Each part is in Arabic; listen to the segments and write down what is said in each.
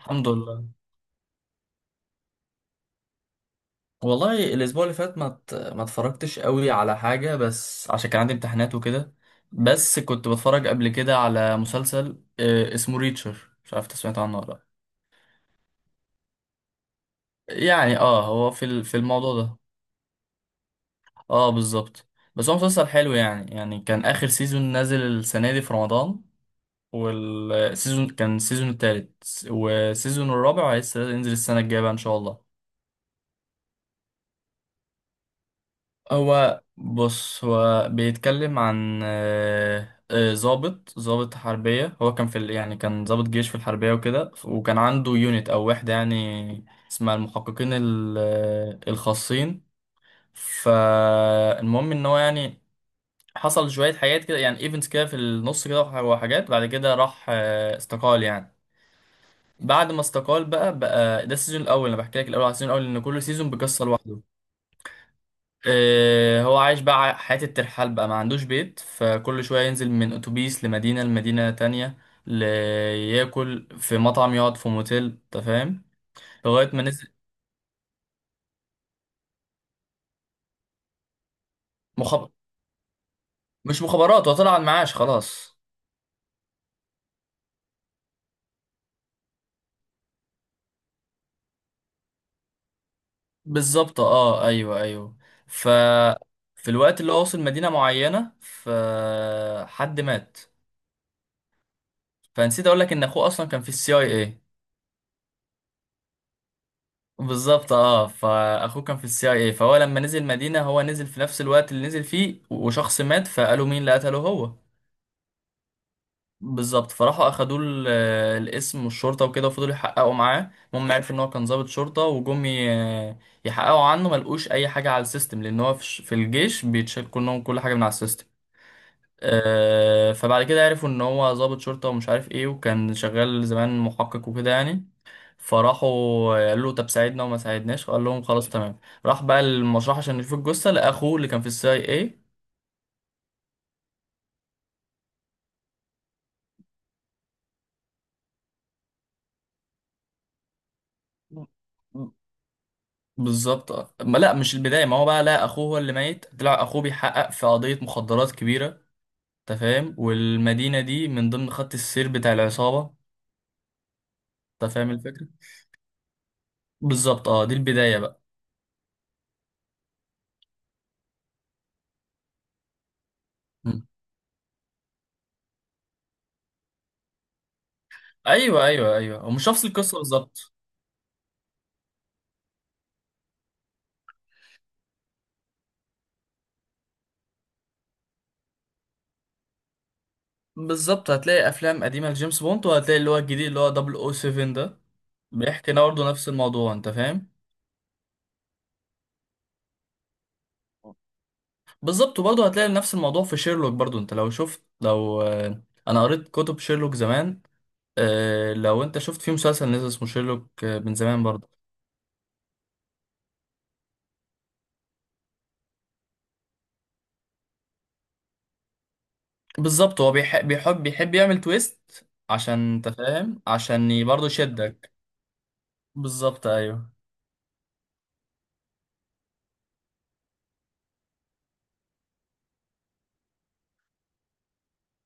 الحمد لله. والله الاسبوع اللي فات ما اتفرجتش قوي على حاجه، بس عشان كان عندي امتحانات وكده. بس كنت بتفرج قبل كده على مسلسل اسمه ريتشر، مش عارف انت سمعت عنه ولا لا. يعني اه هو في الموضوع ده. اه بالظبط. بس هو مسلسل حلو يعني، كان اخر سيزون نازل السنه دي في رمضان، والسيزون كان السيزون التالت، والسيزون الرابع لسه ينزل السنه الجايه بقى ان شاء الله. هو بص، هو بيتكلم عن ضابط حربية. هو كان يعني كان ضابط جيش في الحربية وكده، وكان عنده يونت أو وحدة يعني، اسمها المحققين الخاصين. فالمهم إن هو يعني حصل شوية حاجات كده، يعني ايفنتس كده في النص كده، وحاجات بعد كده راح استقال يعني. بعد ما استقال بقى، ده السيزون الأول، أنا بحكي لك الأول على السيزون الأول، إن كل سيزون بقصة لوحده. هو عايش بقى حياة الترحال بقى، ما عندوش بيت، فكل شوية ينزل من أتوبيس لمدينة لمدينة تانية، ل- ياكل في مطعم، يقعد في موتيل، أنت فاهم. لغاية ما نزل. مخب... مش مخابرات، هو طلع على المعاش خلاص. بالظبط اه، ايوه ايوه. ف في الوقت اللي هو وصل مدينة معينة، فحد مات. فنسيت اقول لك ان اخوه اصلا كان في السي اي اي. بالظبط اه، فاخوه كان في السي اي اي، فهو لما نزل مدينه، هو نزل في نفس الوقت اللي نزل فيه، وشخص مات، فقالوا مين اللي قتله هو. بالظبط. فراحوا اخدوا الاسم والشرطه وكده، وفضلوا يحققوا معاه. المهم عرفوا ان هو كان ضابط شرطه، وجم يحققوا عنه ما لقوش اي حاجه على السيستم، لان هو في الجيش بيتشال كلهم كل حاجه من على السيستم. فبعد كده عرفوا ان هو ضابط شرطة ومش عارف ايه، وكان شغال زمان محقق وكده يعني. فراحوا قالوا له طب ساعدنا، وما ساعدناش قال لهم خلاص تمام. راح بقى المشرحة عشان يشوف الجثة لأخوه اللي كان في السي اي اي. بالظبط آه. ما لا مش البداية، ما هو بقى لا، أخوه هو اللي ميت، طلع أخوه بيحقق في قضية مخدرات كبيرة. أنت فاهم، والمدينة دي من ضمن خط السير بتاع العصابة. أنت فاهم الفكرة. بالظبط اه، دي البداية بقى. م. أيوه أيوه أيوه، ومش نفس القصة بالظبط. بالظبط، هتلاقي افلام قديمه لجيمس بوند، وهتلاقي اللي هو الجديد اللي هو 007 ده، بيحكي برضه نفس الموضوع انت فاهم. بالظبط، وبرضه هتلاقي نفس الموضوع في شيرلوك برضه. انت لو شفت، لو انا قريت كتب شيرلوك زمان، لو انت شفت في مسلسل نزل اسمه شيرلوك من زمان برضه. بالظبط. هو بيحب بيحب يعمل تويست عشان انت فاهم، عشان برضه يشدك. بالظبط ايوه.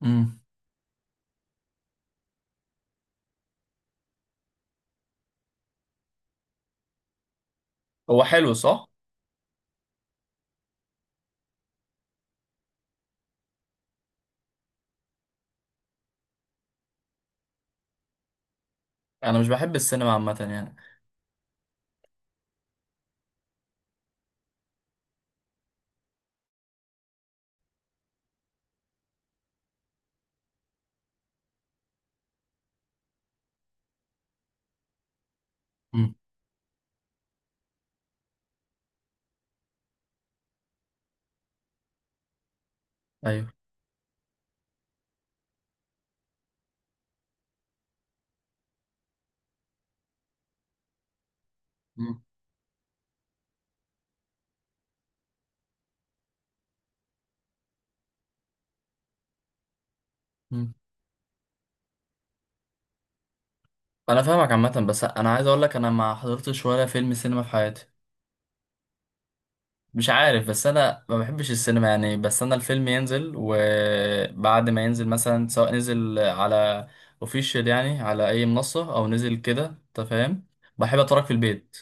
امم هو حلو صح. انا مش بحب السينما عامه يعني. امم ايوه. مم. انا فاهمك عامه، بس انا عايز اقول لك انا ما حضرتش ولا فيلم سينما في حياتي. مش عارف، بس انا ما بحبش السينما يعني. بس انا الفيلم ينزل، وبعد ما ينزل مثلا سواء نزل على اوفيشال يعني، على اي منصه، او نزل كده انت فاهم، بحب اتفرج في البيت.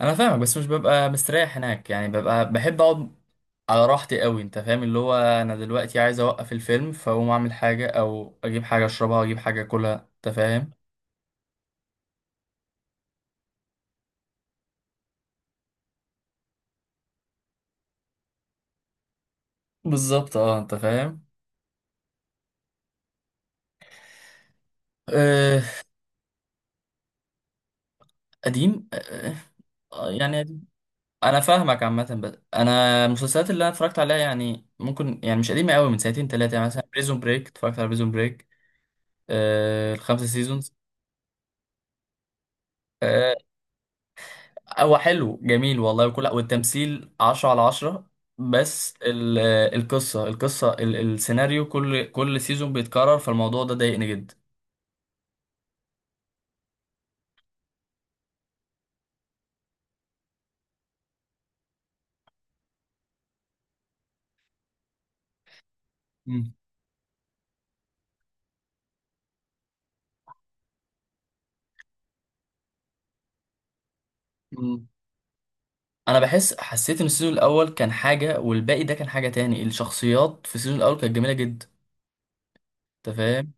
انا فاهمك، بس مش ببقى مستريح هناك يعني، ببقى بحب اقعد على راحتي قوي انت فاهم. اللي هو انا دلوقتي عايز اوقف الفيلم، فاقوم اعمل حاجه، او اجيب حاجه اشربها واجيب حاجه اكلها، انت فاهم. بالظبط اه، انت فاهم. قديم يعني قديم. انا فاهمك عامه، بس انا المسلسلات اللي انا اتفرجت عليها يعني، ممكن يعني مش قديمه قوي، من سنتين ثلاثه يعني. مثلا بريزون بريك، اتفرجت على بريزون بريك. آه الخمسه سيزونز. آه، هو حلو جميل والله، وكل والتمثيل 10 على 10. بس القصه السيناريو، كل سيزون بيتكرر، فالموضوع ده ضايقني جدا. مم. مم. انا بحس، حسيت ان السيزون الاول كان حاجه، والباقي ده كان حاجه تاني. الشخصيات في السيزون الاول كانت جميله جدا، انت فاهم.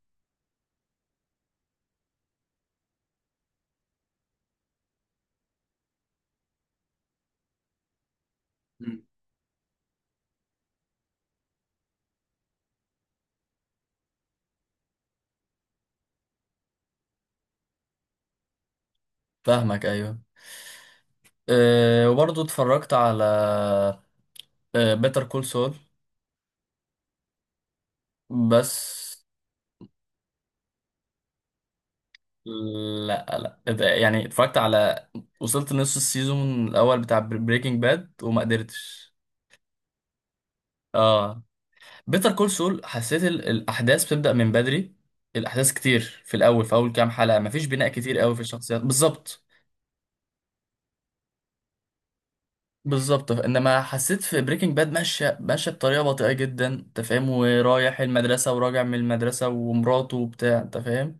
فاهمك ايوه. أه وبرضه اتفرجت على أه بيتر كول سول. بس لا، لا يعني اتفرجت على، وصلت نص السيزون الاول بتاع بريكنج باد وما قدرتش. اه بيتر كول سول حسيت الاحداث بتبدأ من بدري، الاحداث كتير في الاول، في اول كام حلقة مفيش بناء كتير قوي في الشخصيات بالظبط. بالظبط، انما حسيت في بريكنج باد ماشيه بطريقه بطيئه جدا انت فاهم، ورايح المدرسه وراجع من المدرسه، ومراته وبتاع، انت فاهم.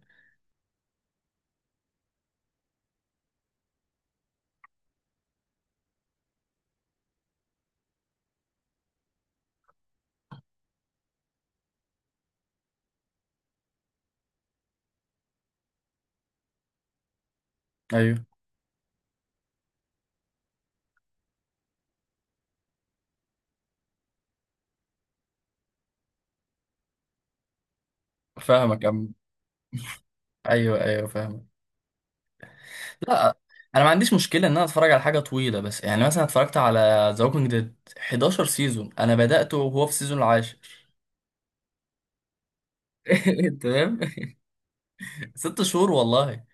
ايوه فاهمك. ايوه ايوه فاهمك. لا، انا ما عنديش مشكله ان انا اتفرج على حاجه طويله. بس يعني مثلا اتفرجت على ذا ووكينج ديد 11 سيزون، انا بدأته وهو في السيزون العاشر. تمام. ست شهور والله.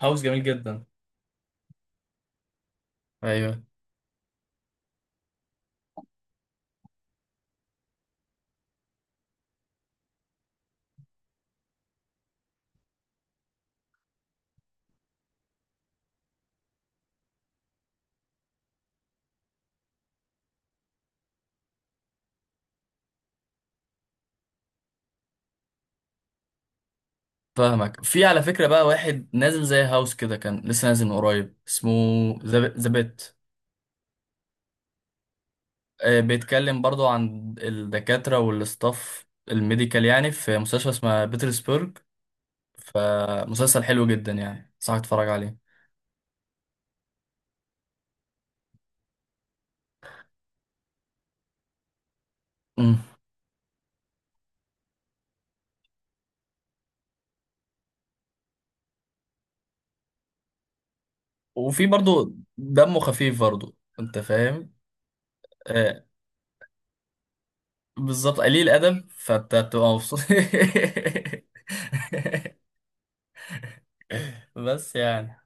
هاوس جميل جدا. ايوه فاهمك. في على فكره بقى واحد نازل زي هاوس كده، كان لسه نازل من قريب، اسمه ذا بيت. بيتكلم برضو عن الدكاتره والاستاف الميديكال يعني، في مستشفى اسمها بيترسبرغ. فمسلسل حلو جدا يعني، صح اتفرج عليه. مم. وفي برضو دمه خفيف برضو، انت فاهم. آه بالظبط، قليل ادب، فانت بتبقى مبسوط. بس يعني.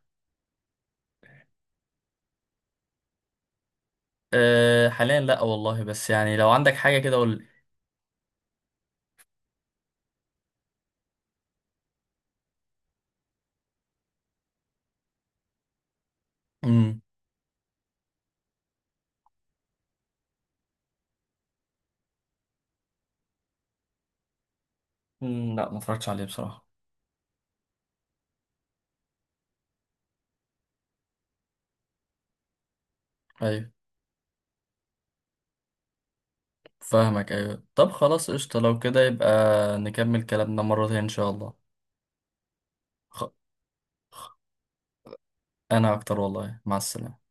آه حاليا لا والله، بس يعني لو عندك حاجه كده قول لي. مم. مم، لا ما اتفرجتش عليه بصراحه. ايوه فاهمك ايوه. طب خلاص قشطه، لو كده يبقى نكمل كلامنا مره تانية ان شاء الله. خ... خ- انا اكتر والله، مع السلامه.